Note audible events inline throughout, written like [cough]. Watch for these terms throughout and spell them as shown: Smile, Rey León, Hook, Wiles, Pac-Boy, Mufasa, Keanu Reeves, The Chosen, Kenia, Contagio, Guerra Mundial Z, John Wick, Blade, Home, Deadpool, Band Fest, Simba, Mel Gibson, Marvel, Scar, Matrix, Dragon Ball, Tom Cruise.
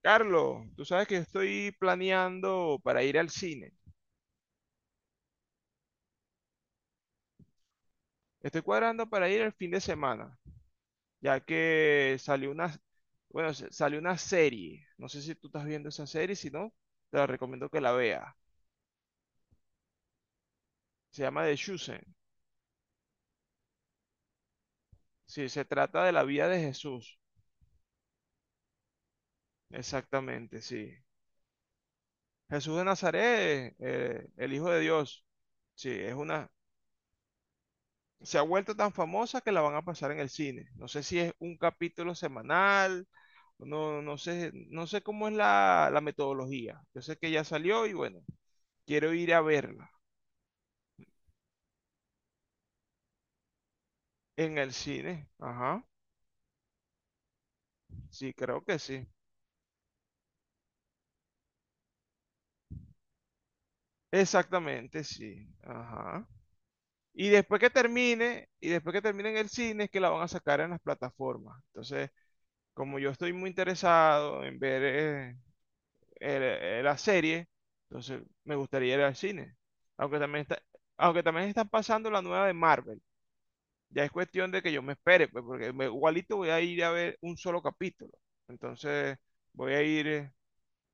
Carlos, tú sabes que estoy planeando para ir al cine. Estoy cuadrando para ir el fin de semana, ya que salió una, bueno, salió una serie. No sé si tú estás viendo esa serie, si no, te la recomiendo que la veas. Se llama The Chosen. Sí, se trata de la vida de Jesús. Exactamente, sí. Jesús de Nazaret, el Hijo de Dios. Sí, es una, se ha vuelto tan famosa que la van a pasar en el cine. No sé si es un capítulo semanal, no, no sé, no sé cómo es la metodología. Yo sé que ya salió y bueno, quiero ir a verla en el cine. Ajá, sí, creo que sí. Exactamente, sí. Ajá. Y después que termine, y después que termine en el cine, es que la van a sacar en las plataformas. Entonces, como yo estoy muy interesado en ver era serie, entonces me gustaría ir al cine. Aunque también está, aunque también están pasando la nueva de Marvel. Ya es cuestión de que yo me espere, pues, porque igualito voy a ir a ver un solo capítulo. Entonces voy a ir,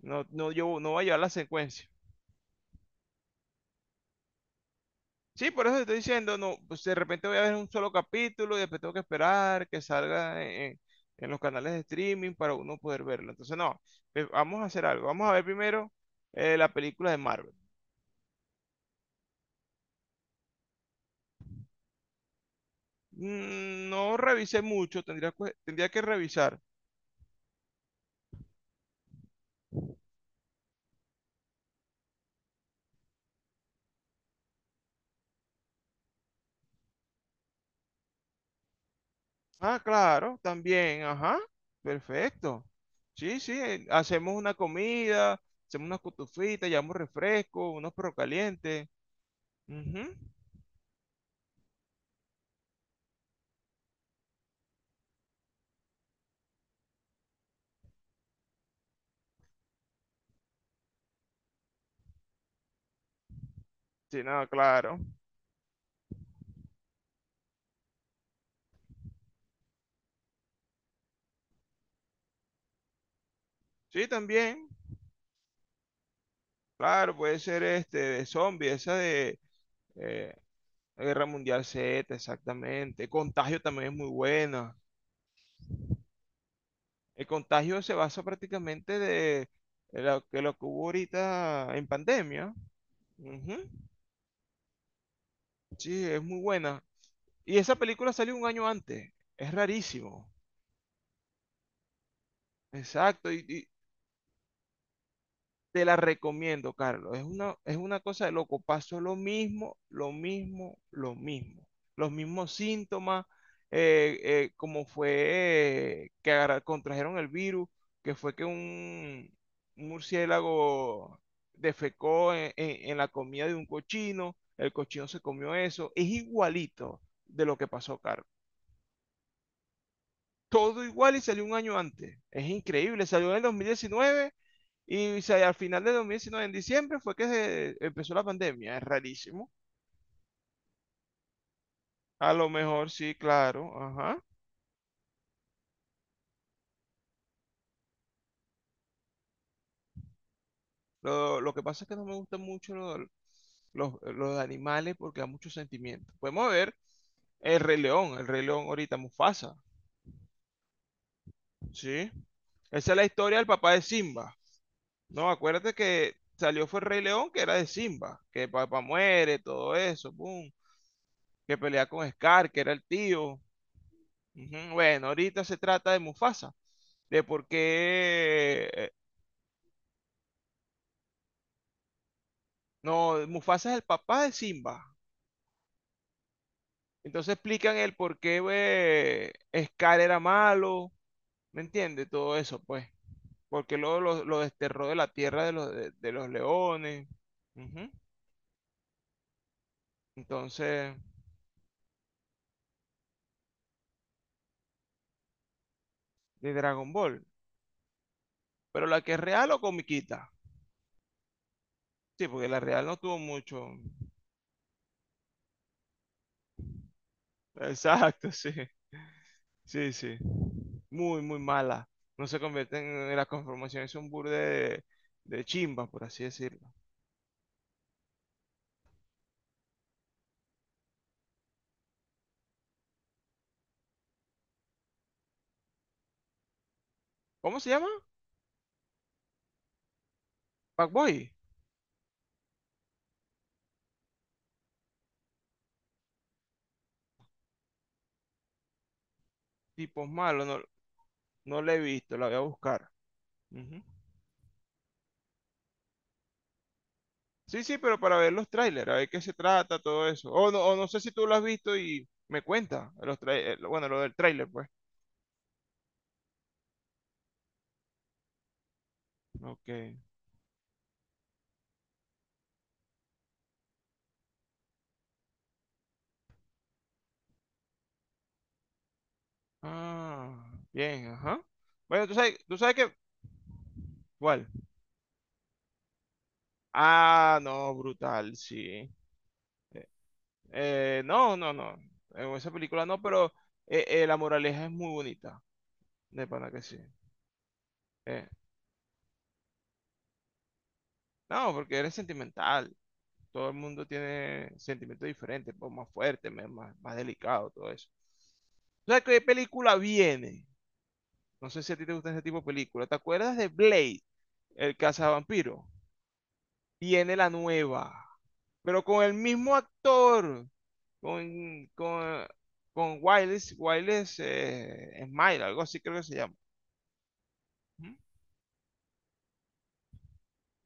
no, no, yo no voy a llevar la secuencia. Sí, por eso te estoy diciendo, no, pues de repente voy a ver un solo capítulo y después tengo que esperar que salga en los canales de streaming para uno poder verlo. Entonces, no, vamos a hacer algo. Vamos a ver primero la película de Marvel. Mm, no revisé mucho, tendría que revisar. Ah, claro, también, ajá, perfecto. Sí, sí, hacemos una comida, hacemos unas cutufitas, llevamos refresco, unos perros calientes. Ujú. Sí, no, claro. Sí, también, claro, puede ser este de zombie, esa de eh, Guerra Mundial Z, exactamente. Contagio también es muy buena. El contagio se basa prácticamente de lo que hubo ahorita en pandemia. Ujú. Sí, es muy buena. Y esa película salió un año antes. Es rarísimo. Exacto. Y te la recomiendo, Carlos. Es una cosa de loco. Pasó lo mismo, lo mismo, lo mismo. Los mismos síntomas, como fue que contrajeron el virus, que fue que un murciélago defecó en la comida de un cochino. El cochino se comió eso. Es igualito de lo que pasó, Carlos. Todo igual y salió un año antes. Es increíble, salió en el 2019 y al final de 2019 en diciembre, fue que se empezó la pandemia. Es rarísimo. A lo mejor sí, claro, ajá. Lo que pasa es que no me gustan mucho los los animales porque da mucho sentimiento. Podemos ver el Rey León ahorita, Mufasa, ¿sí? Esa es la historia del papá de Simba. No, acuérdate que salió fue el Rey León, que era de Simba, que papá muere, todo eso, boom. Que pelea con Scar, que era el tío. Ujú. Bueno, ahorita se trata de Mufasa, de por qué... no, Mufasa es el papá de Simba. Entonces explican el por qué Scar era malo, ¿me entiendes? Todo eso, pues. Porque luego lo desterró de la tierra de los, de los leones. Ujú. Entonces, de Dragon Ball. Pero la que es real o comiquita. Sí, porque la real no tuvo mucho. Exacto, [laughs] sí. Sí, sí. Muy, muy mala. No se convierten en la conformación, es un burde de chimba, por así decirlo. ¿Cómo se llama? Pac-Boy. Tipos malos, no, no la he visto, la voy a buscar. Ujú. Sí, sí, pero para ver los trailers, a ver qué se trata, todo eso. O no sé si tú lo has visto y me cuenta. Bueno, lo del trailer, pues. Ok. Ah, bien, ajá. Bueno, tú sabes que... ¿Cuál? Ah, no, brutal, sí. No, no, no. En esa película no, pero la moraleja es muy bonita. De pana que sí. Eh, no, porque eres sentimental. Todo el mundo tiene sentimientos diferentes, pues, más fuerte, más, más delicado, todo eso. O sea, ¿qué película viene? No sé si a ti te gusta ese tipo de película. ¿Te acuerdas de Blade, el cazavampiro? Viene la nueva, pero con el mismo actor, con, con, con Wiles, Smile, algo así creo que se llama.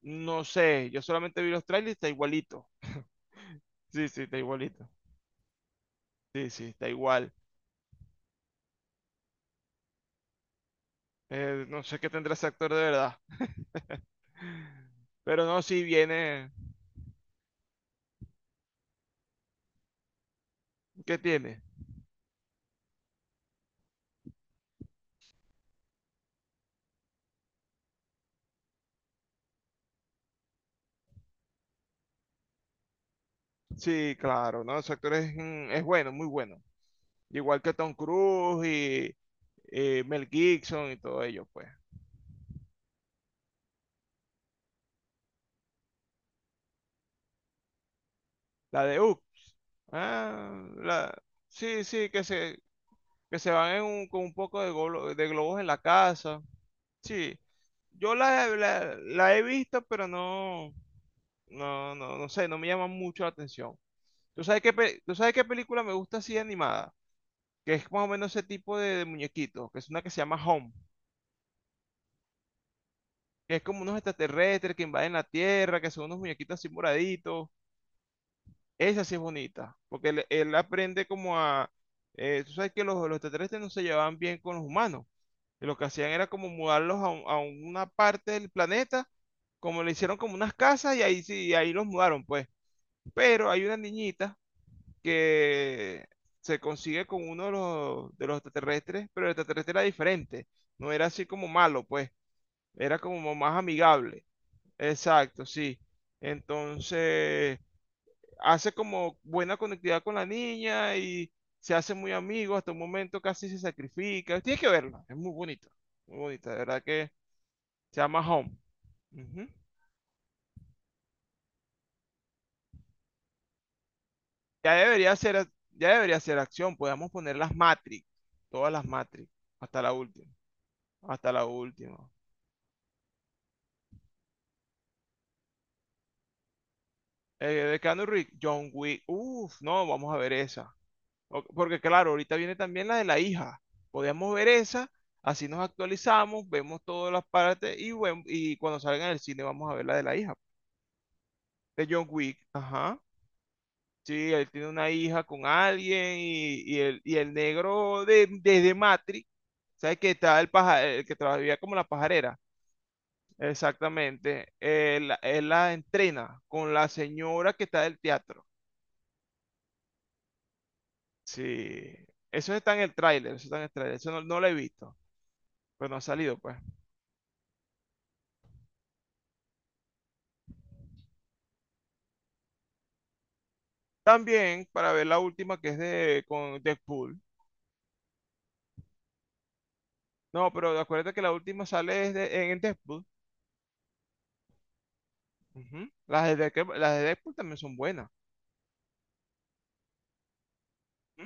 No sé, yo solamente vi los trailers y está igualito. [laughs] Sí, sí, está igualito. Sí, sí, está igual. No sé qué tendrá ese actor de verdad. Pero no, sí viene. ¿Qué tiene? Sí, claro, ¿no? Ese actor es, mm, es bueno, muy bueno. Igual que Tom Cruise y, Mel Gibson y todo ello, pues. La de Hook. Ah, la... Sí, sí, que se van en con un poco de, de globos en la casa. Sí, yo la he visto, pero no, no, no, no sé, no me llama mucho la atención. ¿Tú sabes qué, tú sabes qué película me gusta así animada? Que es más o menos ese tipo de muñequitos, que es una que se llama Home, que es como unos extraterrestres que invaden la Tierra, que son unos muñequitos así moraditos. Esa sí es bonita, porque él aprende como a... tú sabes que los extraterrestres no se llevaban bien con los humanos. Y lo que hacían era como mudarlos a una parte del planeta, como le hicieron como unas casas y ahí sí, ahí los mudaron, pues. Pero hay una niñita que se consigue con uno de los extraterrestres, pero el extraterrestre era diferente. No era así como malo, pues. Era como más amigable. Exacto, sí. Entonces, hace como buena conectividad con la niña y se hace muy amigo. Hasta un momento casi se sacrifica. Tienes que verla. Es muy bonita. Muy bonita, de verdad que. Se llama Home. Ujú. Ya debería ser, ya debería ser acción. Podemos poner las Matrix. Todas las Matrix. Hasta la última. Hasta la última. Eh, de Keanu Reeves, John Wick. Uf, no, vamos a ver esa. Porque claro, ahorita viene también la de la hija. Podemos ver esa. Así nos actualizamos, vemos todas las partes y, bueno, y cuando salgan en el cine vamos a ver la de la hija. De John Wick. Ajá. Sí, él tiene una hija con alguien y el negro de, desde Matrix. ¿Sabes qué? Estaba el paja, el que trabajaba como la pajarera. Exactamente. Él la entrena con la señora que está del teatro. Sí. Eso está en el tráiler, eso está en el tráiler. Eso no, no lo he visto, pero no ha salido, pues. También, para ver la última que es de con Deadpool. No, pero acuérdate que la última sale en Deadpool. Ujú. Las de, las de Deadpool también son buenas. Ujú.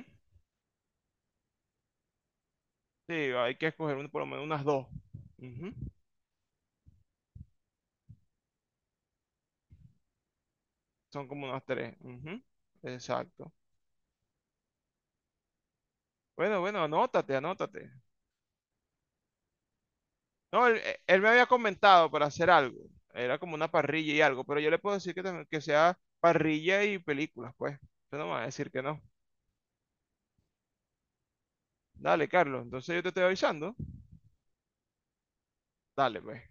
Sí, hay que escoger por lo menos unas dos. Ujú. Son como unas tres. Ujú. Exacto. Bueno, bueno, anótate, anótate. No, él, él me había comentado para hacer algo. Era como una parrilla y algo, pero yo le puedo decir que sea parrilla y películas, pues. Yo no me voy a decir que no. Dale, Carlos, entonces yo te estoy avisando. Dale, pues.